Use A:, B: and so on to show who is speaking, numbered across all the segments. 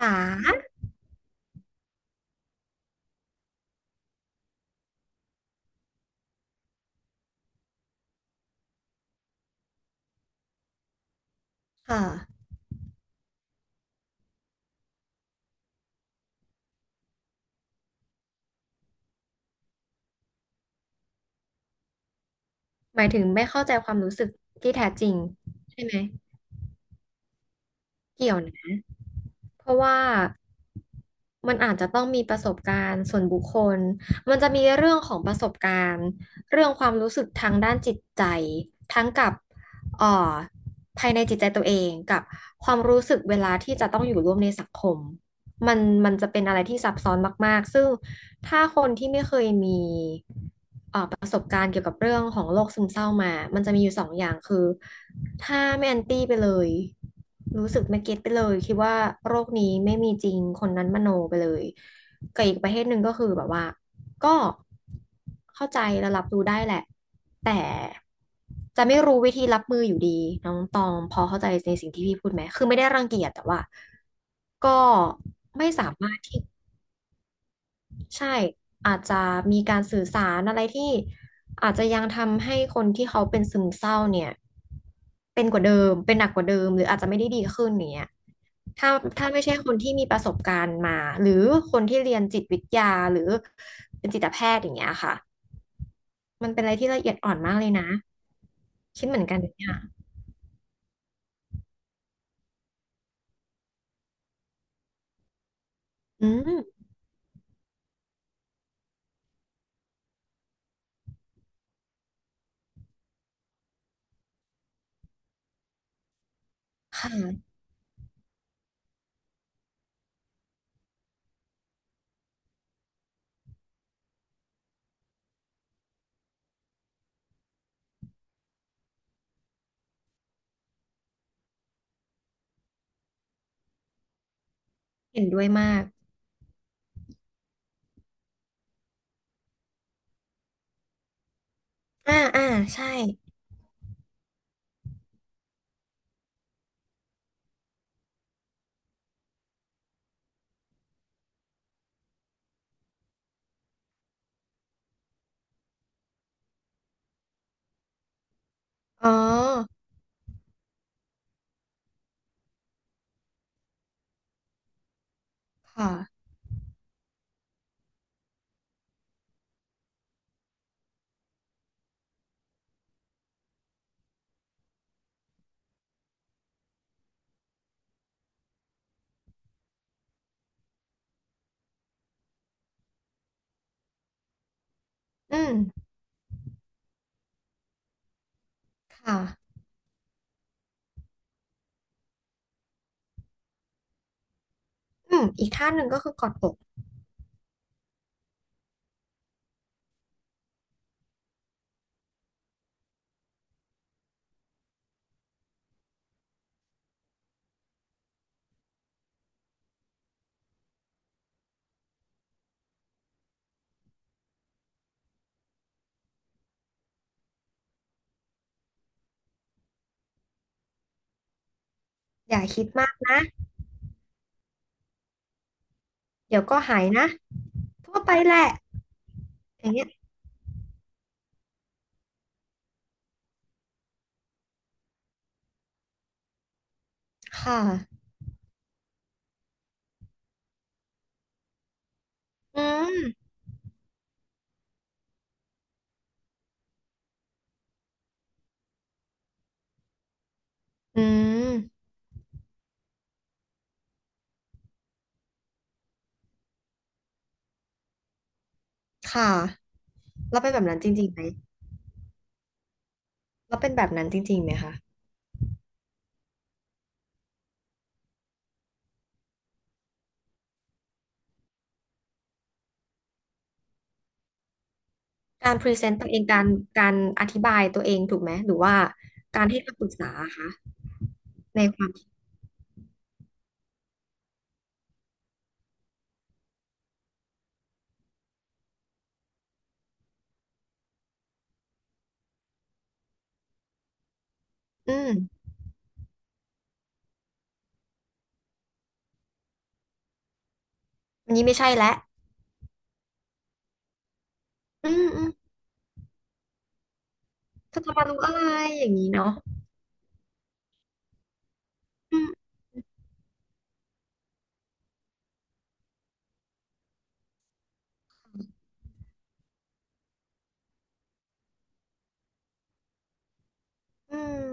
A: จ๋าค่ะหมายถึงไม่เข้าใจความรู้สึกที่แท้จริงใช่ไหม เกี่ยวนะเพราะว่ามันอาจจะต้องมีประสบการณ์ส่วนบุคคล มันจะมีเรื่องของประสบการณ์เรื่องความรู้สึกทางด้านจิตใจ ทั้งกับเอ่อภายในจิตใจตัวเองกับความรู้สึกเวลาที่จะต้องอยู่ร่วมในสังคมมันมันจะเป็นอะไรที่ซับซ้อนมากๆซึ่ง ถ้าคนที่ไม่เคยมีประสบการณ์เกี่ยวกับเรื่องของโรคซึมเศร้ามามันจะมีอยู่สองอย่างคือถ้าไม่แอนตี้ไปเลยรู้สึกไม่เก็ตไปเลยคิดว่าโรคนี้ไม่มีจริงคนนั้นมโนไปเลยกับอีกประเภทหนึ่งก็คือแบบว่าก็เข้าใจและรับรู้ได้แหละจะไม่รู้วิธีรับมืออยู่ดีน้องตองพอเข้าใจในสิ่งที่พี่พูดไหมคือไม่ได้รังเกียจแต่ว่าก็ไม่สามารถที่ ใช่อาจจะมีการสื่อสารอะไรที่อาจจะยังทำให้คนที่เขาเป็นซึมเศร้าเนี่ยเป็นกว่าเดิมเป็นหนักกว่าเดิมหรืออาจจะไม่ได้ดีขึ้นอย่างเนี้ยถ้าถ้าไม่ใช่คนที่มีประสบการณ์มาหรือคนที่เรียนจิตวิทยาหรือเป็นจิตแพทย์อย่างเงี้ยค่ะมันเป็นอะไรที่ละเอียดอ่อนมากเลยนะคิดเหมือนกันเนี่ยอืมค่ะเห็นด้วยมากอ่าอ่าใช่อ๋อค่ะอืมค่ะอืมอีกท่าหนึ่งก็คือกอดอก อย่าคิดมากนะเดี๋ยวก็หายนะทั่วไปแหละอย่างเงี้ยค่ะอืมอืมค่ะเราเป็นแบบนั้นจริงๆไหมเราเป็นแบบนั้นจริงๆไหมคะการพรีเซนต์ตัวเองการอธิบายตัวเองถูกไหมหรือว่าการให้คำปรึกษาอะคะในความคิดอืมอันนี้ไม่ใช่แล้วอืมอืมเธอจะมารู้อะไรอย่างนี้เนาะอืมอืม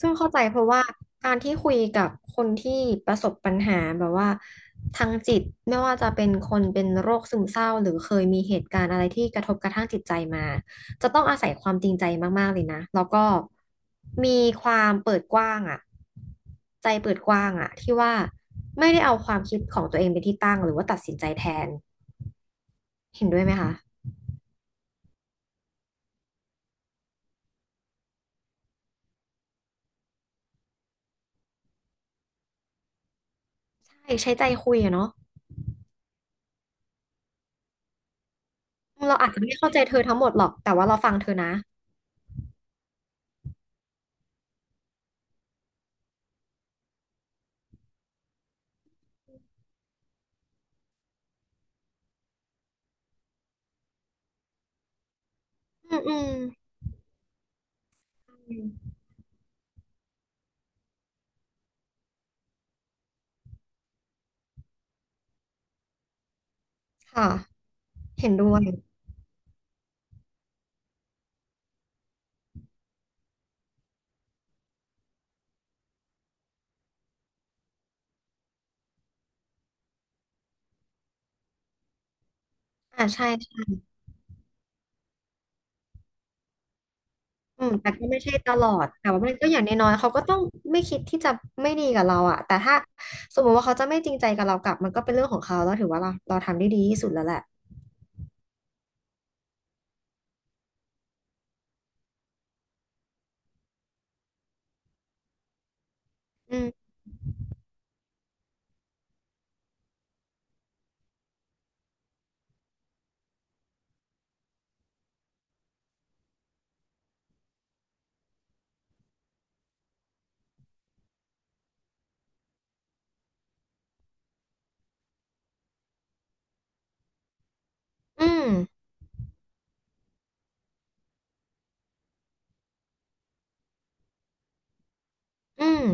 A: ซึ่งเข้าใจเพราะว่าการที่คุยกับคนที่ประสบปัญหาแบบว่าทางจิตไม่ว่าจะเป็นคนเป็นโรคซึมเศร้าหรือเคยมีเหตุการณ์อะไรที่กระทบกระทั่งจิตใจมาจะต้องอาศัยความจริงใจมากๆเลยนะแล้วก็มีความเปิดกว้างอะใจเปิดกว้างอะที่ว่าไม่ได้เอาความคิดของตัวเองเป็นที่ตั้งหรือว่าตัดสินใจแทนเห็นด้วยไหมคะใช่ใช้ใจคุยอะเนาะเราอาจจะไม่เข้าใจเธอทั้งหมดหรอกแต่ว่าเราฟังเธอนะอืมอืมค่ะ เห็นด้วยอ่าใช่ใช่อืมแต่ก็ไม่ใช่ตลอด แต่ว่ามันก็อย่างน้อยๆ เขาก็ต้องไม่คิดที่จะไม่ดีกับเราอะแต่ถ้าสมมติว่าเขาจะไม่จริงใจกับเรากลับมันก็เป็นเรื่องของเขาแล้วถือว่าเราทำได้ดีที่สุดแล้วแหละอืมอืมอืม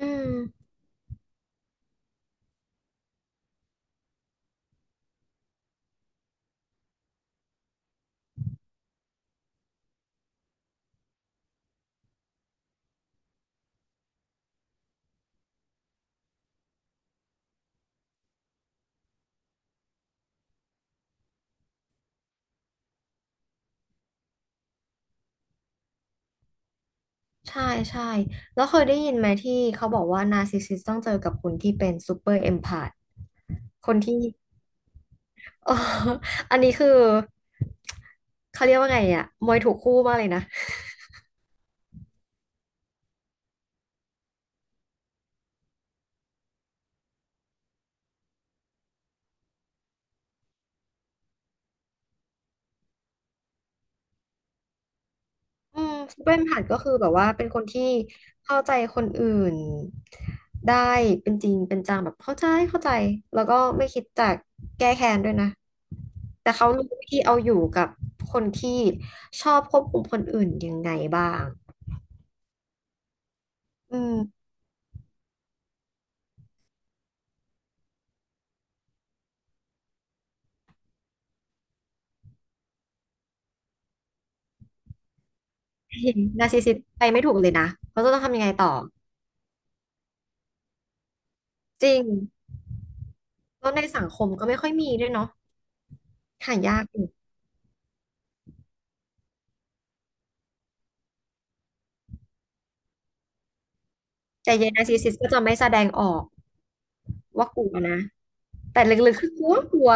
A: อืมใช่ใช่แล้วเคยได้ยินไหมที่เขาบอกว่านาร์ซิสซิสต้องเจอกับคนที่เป็นซูเปอร์เอมพาธคนที่ อ๋ออันนี้คือเขาเรียกว่าไงอะมวยถูกคู่มากเลยนะ อืมซูเปอร์มหัดก็คือแบบว่าเป็นคนที่เข้าใจคนอื่นได้เป็นจริงเป็นจังแบบเข้าใจเข้าใจแล้วก็ไม่คิดจะแก้แค้นด้วยนะแต่เขารู้วิธีเอาอยู่กับคนที่ชอบควบคุมคนอื่นยังไงบ้างอืมเห็นนาร์ซิสซิสต์ไปไม่ถูกเลยนะเขาจะต้องทำยังไงต่อจริงแล้วในสังคมก็ไม่ค่อยมีด้วยเนาะหายากอยู่แต่เยนาร์ซิสซิสต์ก็จะไม่แสดงออกว่ากลัวนะแต่ลึกๆคือกลัวกลัว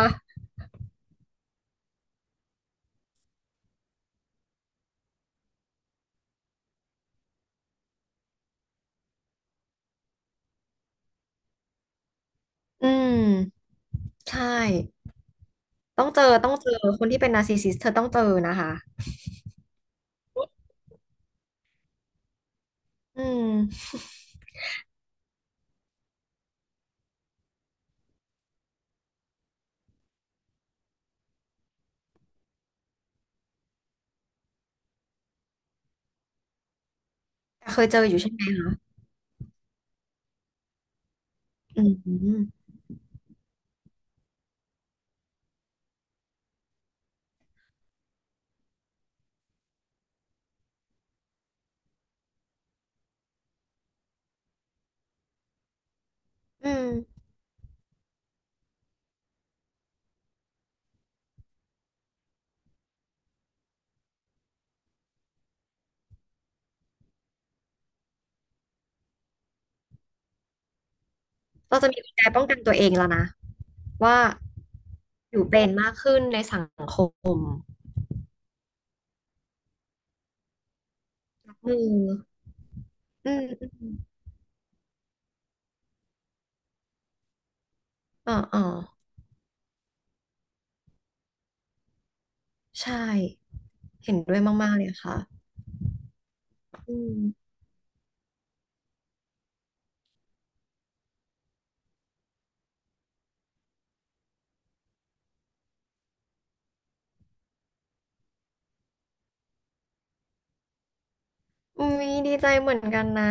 A: อืม ใช่ ต้องเจอ ต้องเจอ คนที่เป็นนาร์ซิสซิสเธอต้องเจอนะคะอืมแต่เคยเจออยู่ใช่ไหมอืมอืมเราจะมีกลไกป้องกันตัวเองแล้วนะ ว่าอยู่เป็นมากขึ้นในสังคมอืมอืมอืมอ๋ออ๋อใช่ เห็นด้วยมากๆเลยค่ะอืมอุ้ยดีใจเหมือนกันนะ